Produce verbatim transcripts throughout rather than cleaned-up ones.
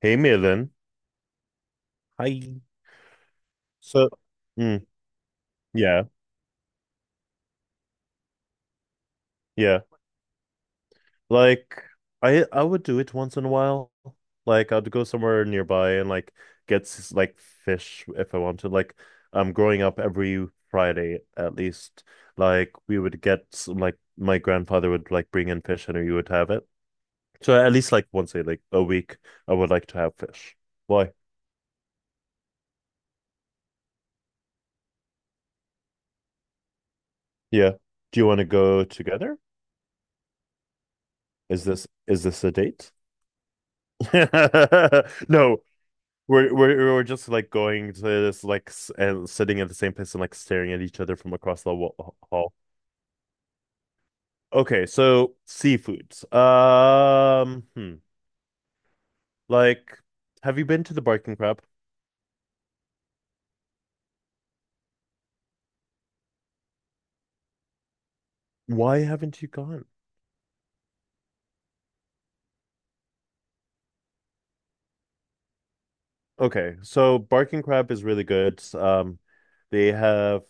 Hey Malin. Hi. So, mm, yeah, yeah. Like I I would do it once in a while. Like I'd go somewhere nearby and like get s- like fish if I wanted. Like um growing up every Friday at least, like we would get s- like my grandfather would like bring in fish and we would have it. So at least like once a like a week I would like to have fish. Why? Yeah. Do you want to go together? Is this is this a date? No, We're we're we're just like going to this like s- and sitting at the same place and like staring at each other from across the wa- hall. Okay, so seafoods. Um, hmm. Like, have you been to the Barking Crab? Why haven't you gone? Okay, so Barking Crab is really good. Um, they have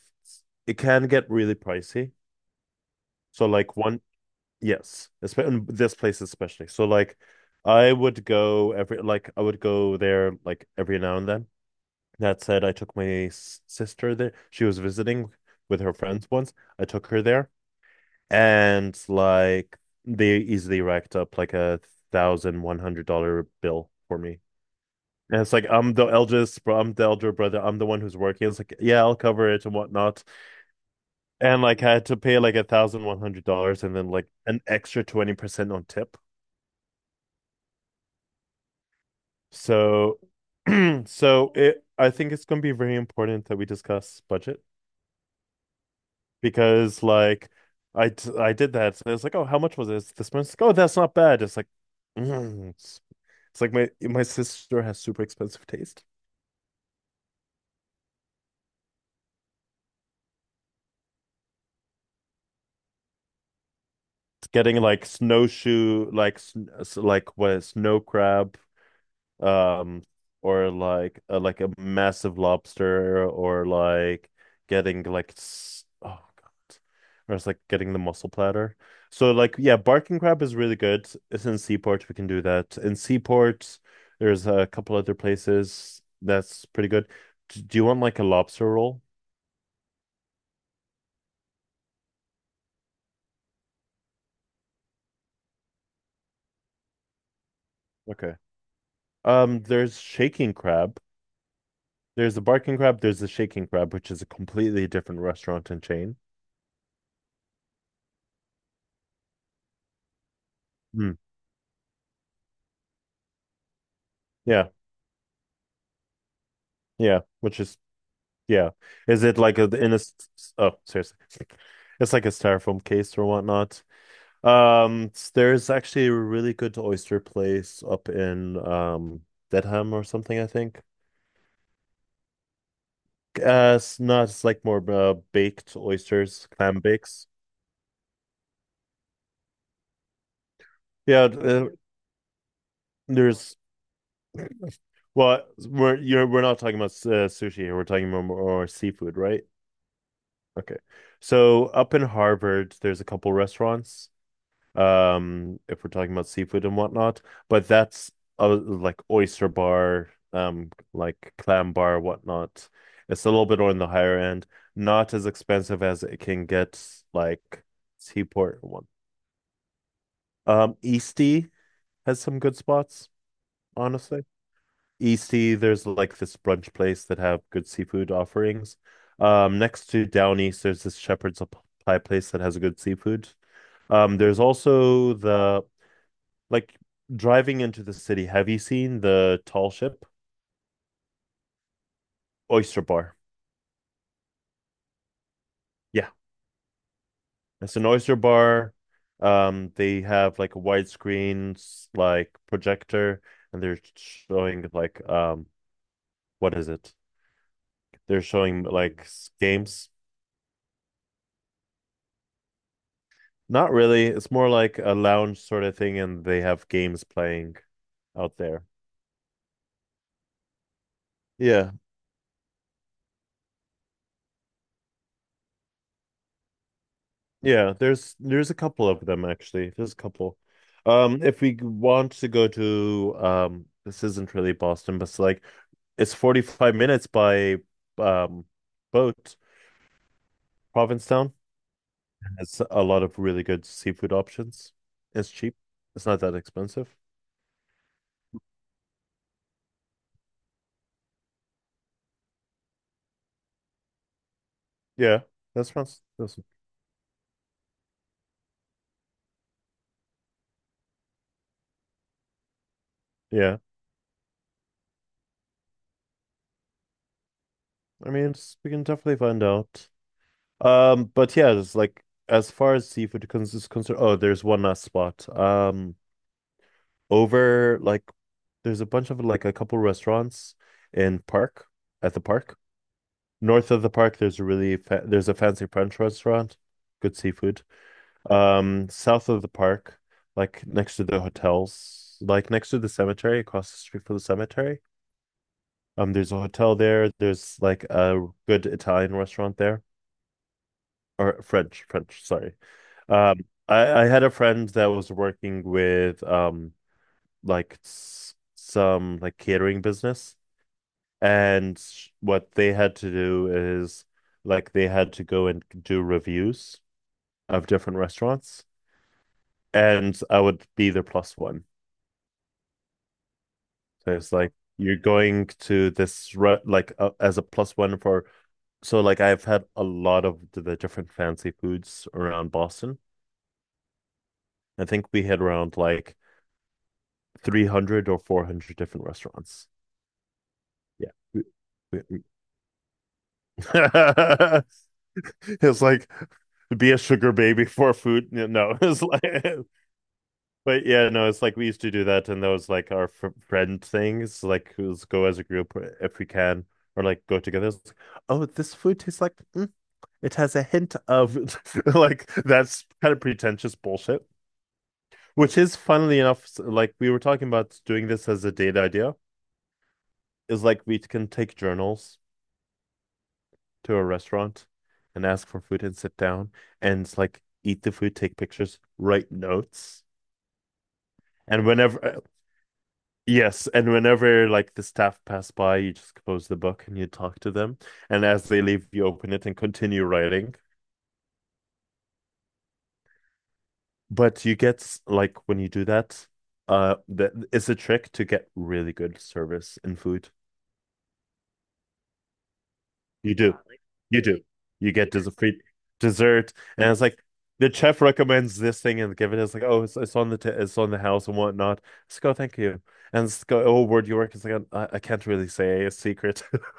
it can get really pricey. So like one, yes, espe- in this place especially. So like, I would go every like I would go there like every now and then. That said, I took my s- sister there. She was visiting with her friends once. I took her there, and like they easily racked up like a thousand one hundred dollar bill for me. And it's like I'm the eldest, bro. I'm the elder brother. I'm the one who's working. It's like yeah, I'll cover it and whatnot. And like I had to pay like a thousand one hundred dollars and then like an extra twenty percent on tip. So, so it I think it's gonna be very important that we discuss budget because like I t- I did that. So I was like, oh, how much was this? This month like, oh, that's not bad. It's like, mm. It's, it's like my my sister has super expensive taste. It's getting like snowshoe, like sn s- like what snow crab um or like uh, like a massive lobster or like getting like s- oh God. Or it's like getting the mussel platter. So like yeah, Barking Crab is really good. It's in Seaport, we can do that. In Seaport, there's a couple other places that's pretty good. D- Do you want like a lobster roll? Okay. Um, there's Shaking Crab. There's the Barking Crab. There's the Shaking Crab, which is a completely different restaurant and chain. Mm. Yeah, yeah, which is yeah. Is it like a in a s- s- oh seriously. It's like a styrofoam case or whatnot. Um there's actually a really good oyster place up in um Dedham or something, I think. Uh it's not it's like more uh, baked oysters, clam bakes. Yeah, uh, there's well we're you're we're not talking about uh, sushi here. We're talking more, more seafood, right? Okay. So up in Harvard, there's a couple restaurants. um, if we're talking about seafood and whatnot. But that's a, like oyster bar, um, like clam bar, whatnot. It's a little bit on the higher end, not as expensive as it can get, like Seaport one. Um, Eastie has some good spots, honestly. Eastie, there's like this brunch place that have good seafood offerings. Um, next to Down East, there's this Shepherd's Pie place that has good seafood. Um, there's also the like driving into the city, have you seen the tall ship? Oyster Bar. Yeah, it's an oyster bar. Um, they have like a widescreen s- like projector, and they're showing like um, what is it? They're showing like s- games. Not really. It's more like a lounge sort of thing, and they have games playing out there. Yeah. Yeah, there's there's a couple of them actually. There's a couple. Um, if we want to go to um, this isn't really Boston, but it's like it's forty-five minutes by um boat. Provincetown has a lot of really good seafood options. It's cheap. It's not that expensive. Yeah, that's France. That's, yeah, I mean, it's, we can definitely find out. Um, but yeah, it's like as far as seafood cons is concerned. Oh, there's one last spot. Um, over like there's a bunch of like a couple restaurants in park at the park. North of the park, there's a really fa there's a fancy French restaurant, good seafood. Um, south of the park, like next to the hotels, like next to the cemetery, across the street from the cemetery. Um, there's a hotel there. There's like a good Italian restaurant there, or French, French, sorry. Um, I I had a friend that was working with um like s- some like catering business. And what they had to do is like they had to go and do reviews of different restaurants, and I would be the plus one. So it's like you're going to this re like uh, as a plus one for so like I've had a lot of the the different fancy foods around Boston. I think we had around like three hundred or four hundred different restaurants. Yeah. We- we- we- It's like be a sugar baby for food. Yeah, no, it's like but yeah, no, it's like we used to do that, and that was like our fr friend things. Like, let's go as a group if we can, or like go together. It's like, oh, this food tastes like mm, it has a hint of like that's kind of pretentious bullshit. Which is funnily enough, s- like we were talking about doing this as a date idea, is like we can take journals to a restaurant and ask for food and sit down and it's like eat the food, take pictures, write notes. And whenever yes, and whenever like the staff pass by, you just close the book and you talk to them. And as they leave, you open it and continue writing. But you get s- like when you do that, uh, that it's a trick to get really good service and food. You do, you do. You get des free dessert, and it's like the chef recommends this thing and give it. It's like, oh, it's, it's on the t it's on the house and whatnot. Let's go, thank you. And let's go, oh, where do you work? It's like, I, I can't really say a secret.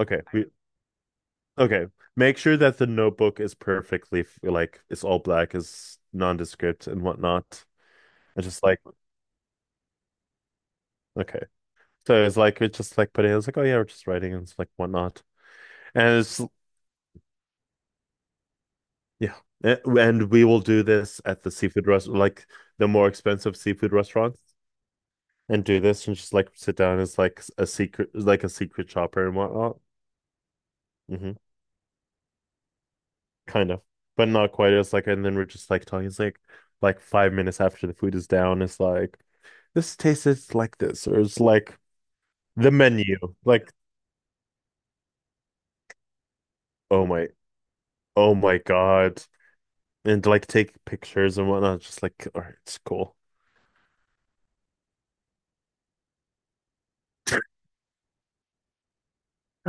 Okay, we okay. Make sure that the notebook is perfectly f- like it's all black, is nondescript and whatnot. And just like okay. So it's like it's just like putting it's like, oh yeah, we're just writing and it's like whatnot. And it's yeah. A- And we will do this at the seafood restaurant like the more expensive seafood restaurants and do this and just like sit down as like a secret like a secret shopper and whatnot. Mhm. Kind of, but not quite. It's like, and then we're just like talking. It's like, like five minutes after the food is down, it's like, this tastes like this, or it's like the menu. Like, oh my, oh my God. And like take pictures and whatnot. Just like, all right, it's cool.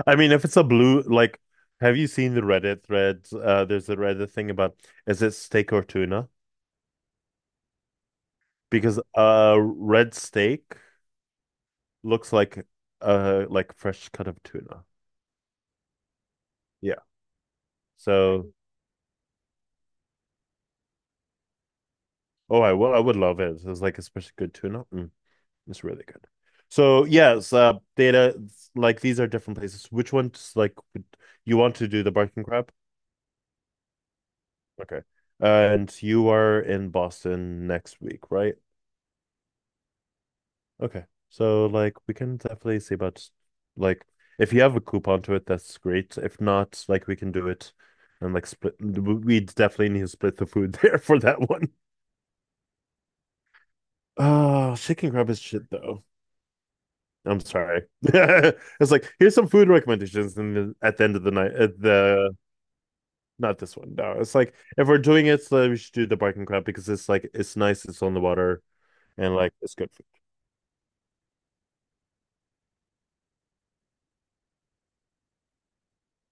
I mean, if it's a blue, like, have you seen the Reddit threads? Uh, there's a Reddit thing about is it steak or tuna? Because uh, red steak looks like uh like fresh cut of tuna. Yeah. So. Oh, I will. I would love it. It's like especially good tuna. Mm, it's really good. So yes, uh, data like these are different places. Which ones like would you want to do the Barking Crab? Okay. And you are in Boston next week, right? Okay. So like we can definitely see about like if you have a coupon to it, that's great. If not, like we can do it and like split. We definitely need to split the food there for that one. Oh, chicken crab is shit though. I'm sorry. it's like here's some food recommendations, and at the end of the night, at the not this one. No, it's like if we're doing it, so we should do the Barking Crab because it's like it's nice, it's on the water, and like it's good food.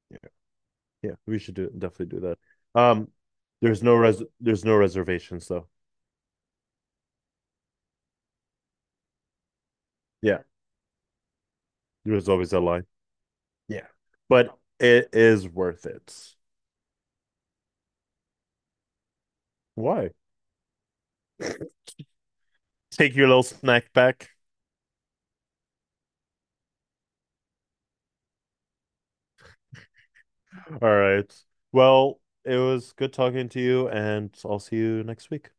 Yeah, yeah, we should do definitely do that. Um, there's no res there's no reservations though. Yeah, there's always a line. Yeah, but it is worth it. Why? Take your little snack back. All right. Well, it was good talking to you, and I'll see you next week.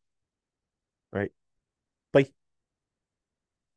All right. Bye.